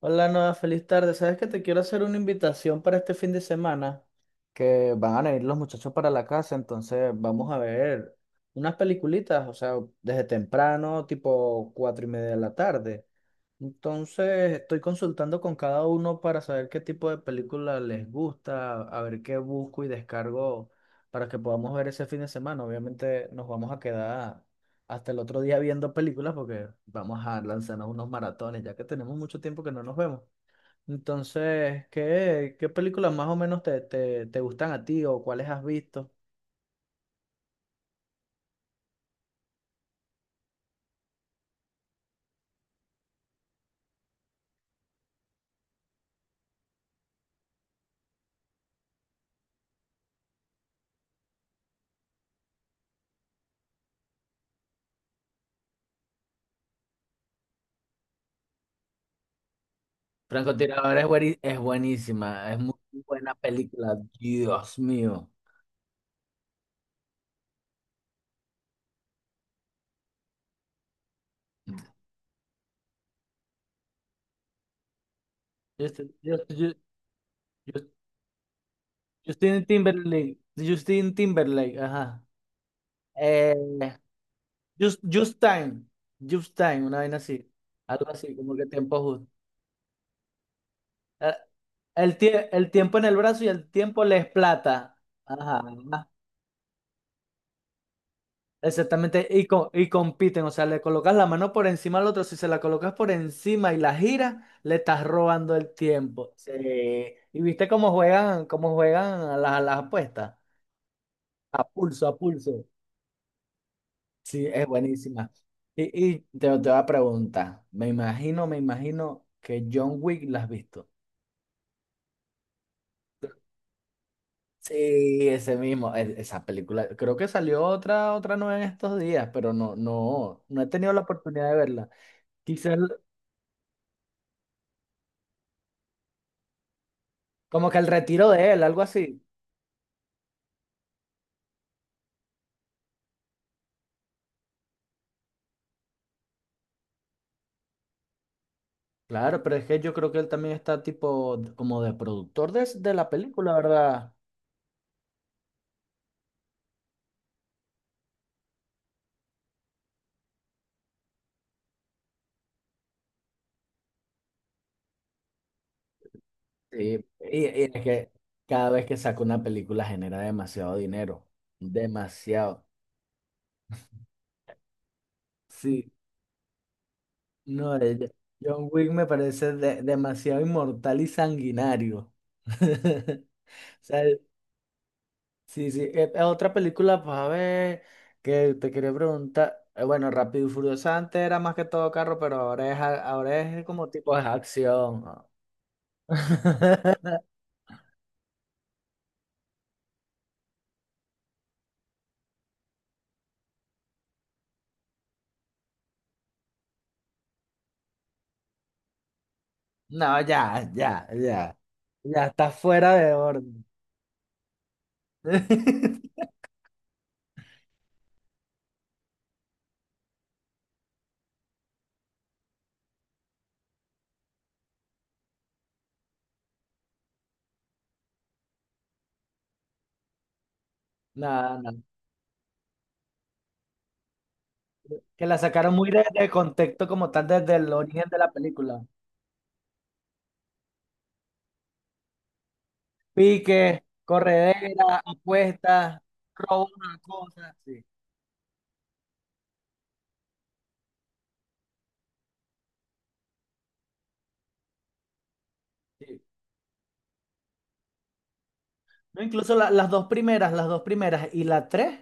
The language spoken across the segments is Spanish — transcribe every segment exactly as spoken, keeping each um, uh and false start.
Hola, Noa, feliz tarde. Sabes que te quiero hacer una invitación para este fin de semana, que van a venir los muchachos para la casa, entonces vamos a ver unas peliculitas, o sea, desde temprano, tipo cuatro y media de la tarde. Entonces, estoy consultando con cada uno para saber qué tipo de película les gusta, a ver qué busco y descargo para que podamos ver ese fin de semana. Obviamente nos vamos a quedar hasta el otro día viendo películas porque vamos a lanzarnos unos maratones, ya que tenemos mucho tiempo que no nos vemos. Entonces, ¿qué, qué películas más o menos te, te, te gustan a ti o cuáles has visto? Francotirador es, bueni- es buenísima, es muy buena película, Dios mío. Yo, estoy- yo, yo- yo Justin Timberlake. Justin Timberlake, ajá. Eh, Just, Just Time. Just Time, una vaina así. Algo así, como que tiempo justo. Eh, El, tie- el tiempo en el brazo y el tiempo le es plata. Ajá, ajá. Exactamente. Y, co- y compiten. O sea, le colocas la mano por encima al otro. Si se la colocas por encima y la giras, le estás robando el tiempo. Sí. Y viste cómo juegan, cómo juegan a las, a las apuestas. A pulso, a pulso. Sí, es buenísima. Y, y te, te voy a preguntar, me imagino, me imagino que John Wick la has visto. Sí, ese mismo, e- esa película. Creo que salió otra, otra nueva en estos días, pero no, no, no he tenido la oportunidad de verla. Quizás el- Como que el retiro de él, algo así. Claro, pero es que yo creo que él también está tipo d- como de productor de, s- de la película, ¿verdad? Sí, y, y es que cada vez que saca una película genera demasiado dinero, demasiado. Sí. No, eh, yo- John Wick me parece de- demasiado inmortal y sanguinario. O sea, sí, sí. Eh, eh, otra película, pues a ver, que te quería preguntar. eh, bueno, Rápido y Furioso antes era más que todo carro, pero ahora es, a- ahora es como tipo de acción, ¿no? No, ya, ya, ya. Ya está fuera de orden. No, no. Que la sacaron muy de, de contexto como tal desde el origen de la película. Pique, corredera, apuestas, robo una cosa, sí, sí. No, incluso la- las dos primeras, las dos primeras y la tres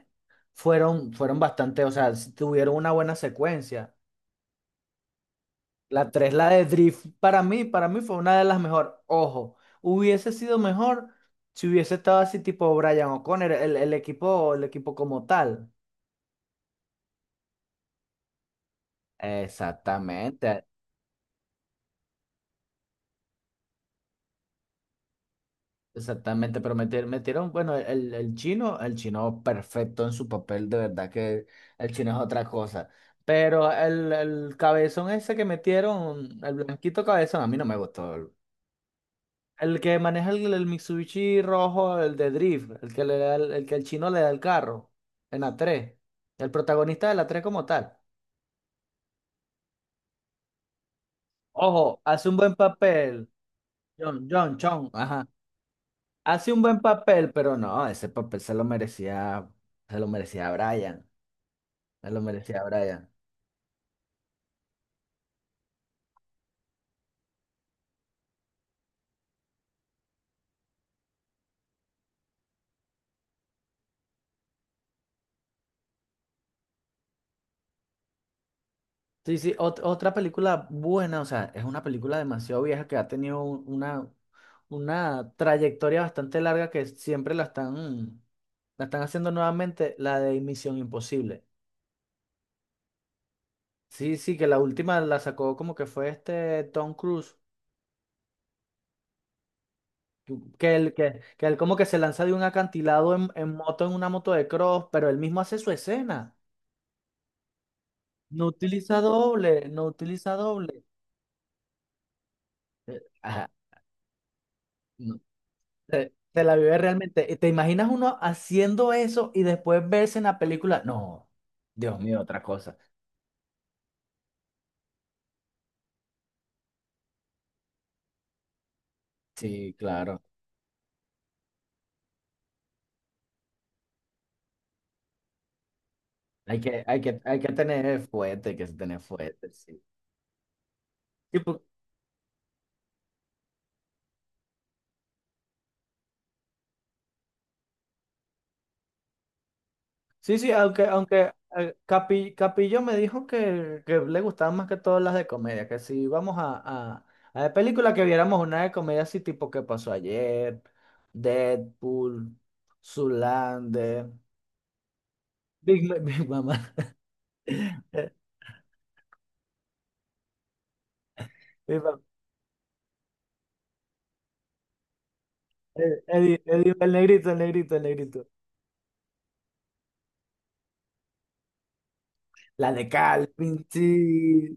fueron, fueron bastante, o sea, s- tuvieron una buena secuencia. La tres, la de Drift, para mí, para mí fue una de las mejores. Ojo, hubiese sido mejor si hubiese estado así tipo Brian O'Connor, el, el equipo, el equipo como tal. Exactamente. Exactamente, pero meter- metieron, bueno, el, el chino, el chino perfecto en su papel, de verdad que el chino es otra cosa. Pero el, el cabezón ese que metieron, el blanquito cabezón, a mí no me gustó. El que maneja el, el Mitsubishi rojo, el de Drift, el que le da el, el que el chino le da el carro, en la tres el protagonista de la tres como tal. Ojo, hace un buen papel, John, John, Chong, ajá. Hace un buen papel, pero no, ese papel se lo merecía, se lo merecía Brian. Me lo merecía Brian. Sí, sí, ot- otra película buena, o sea, es una película demasiado vieja que ha tenido un- una, una trayectoria bastante larga que siempre la están, la están haciendo nuevamente, la de Misión Imposible. Sí, sí, que la última la sacó como que fue este Tom Cruise, que que él, que, que él como que se lanza de un acantilado en, en moto, en una moto de cross, pero él mismo hace su escena. No utiliza doble, no utiliza doble. Ajá. No. Se, se la vive realmente. ¿Y te imaginas uno haciendo eso y después verse en la película? No, Dios mío, otra cosa. Sí, claro. Hay que, hay que, hay que tener fuerte, hay que tener fuerte, sí. Y pu- sí, sí, aunque, aunque eh, Capi- Capillo me dijo que, que le gustaban más que todas las de comedia, que si íbamos a, a, a la película que viéramos una de comedia así tipo ¿Qué pasó ayer? Deadpool, Zoolander, Big, Ma- Big Mama. Eddie, Eddie, Eddie, el negrito, el negrito, el negrito. La de Cal, pinche.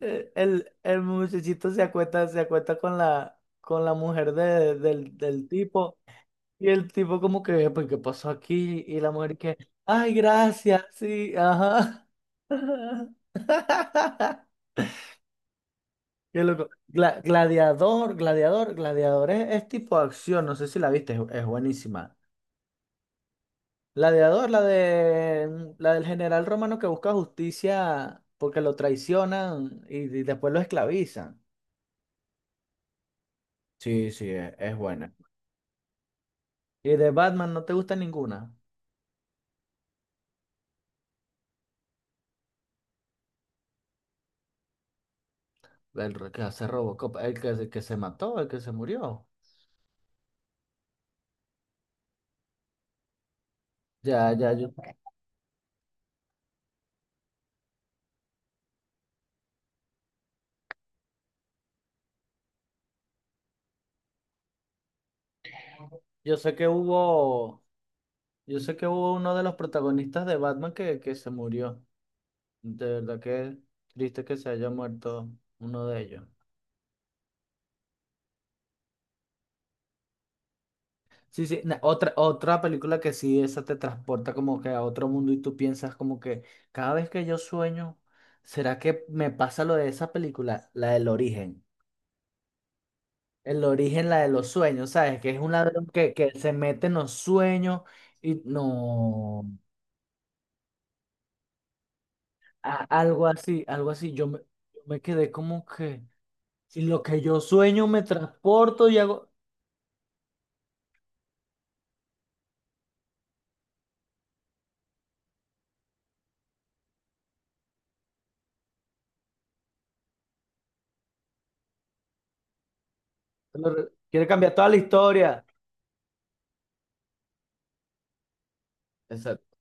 Eh, El, el muchachito se acuesta, se acuesta con la, con la mujer de- del, del tipo. Y el tipo como que, pues, ¿qué pasó aquí? Y la mujer que, ay, gracias, sí, ajá. Qué loco. Gla- gladiador, gladiador, gladiador es, es tipo acción, no sé si la viste, es, es buenísima. Gladiador, la de la del general romano que busca justicia porque lo traicionan y, y después lo esclavizan. Sí, sí, es, es buena. Y de Batman no te gusta ninguna. El re- que hace Robocop, el que, se- que se mató, el que se murió. Ya, ya, yo, yo sé que hubo, yo sé que hubo uno de los protagonistas de Batman que, que se murió. De verdad que triste que se haya muerto uno de ellos. Sí, sí, na- otra, otra película que sí, esa te transporta como que a otro mundo y tú piensas como que cada vez que yo sueño, ¿será que me pasa lo de esa película? La del origen. El origen, la de los sueños, ¿sabes? Que es un ladrón que, que se mete en los sueños y no, a- algo así, algo así. Yo me, yo me quedé como que, si lo que yo sueño me transporto y hago, quiere cambiar toda la historia. Exacto,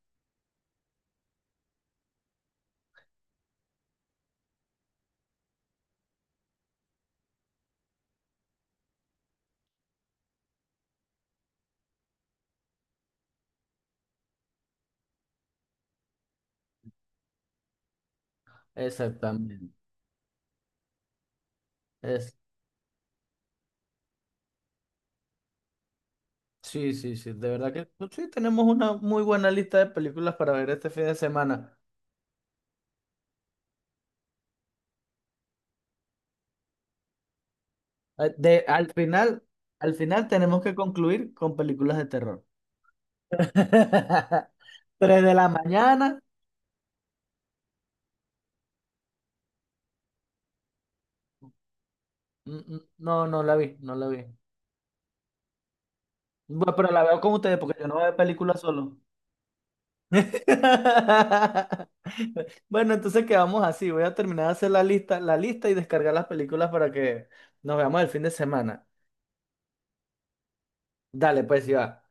exactamente. Sí, sí, sí, de verdad que pues, sí, tenemos una muy buena lista de películas para ver este fin de semana. Eh, De, al final, al final tenemos que concluir con películas de terror. Tres de la mañana, mm, mm, no, no la vi, no la vi. Bueno, pero la veo con ustedes porque yo no veo películas solo. Bueno, entonces quedamos así. Voy a terminar de hacer la lista, la lista y descargar las películas para que nos veamos el fin de semana. Dale, pues, ya.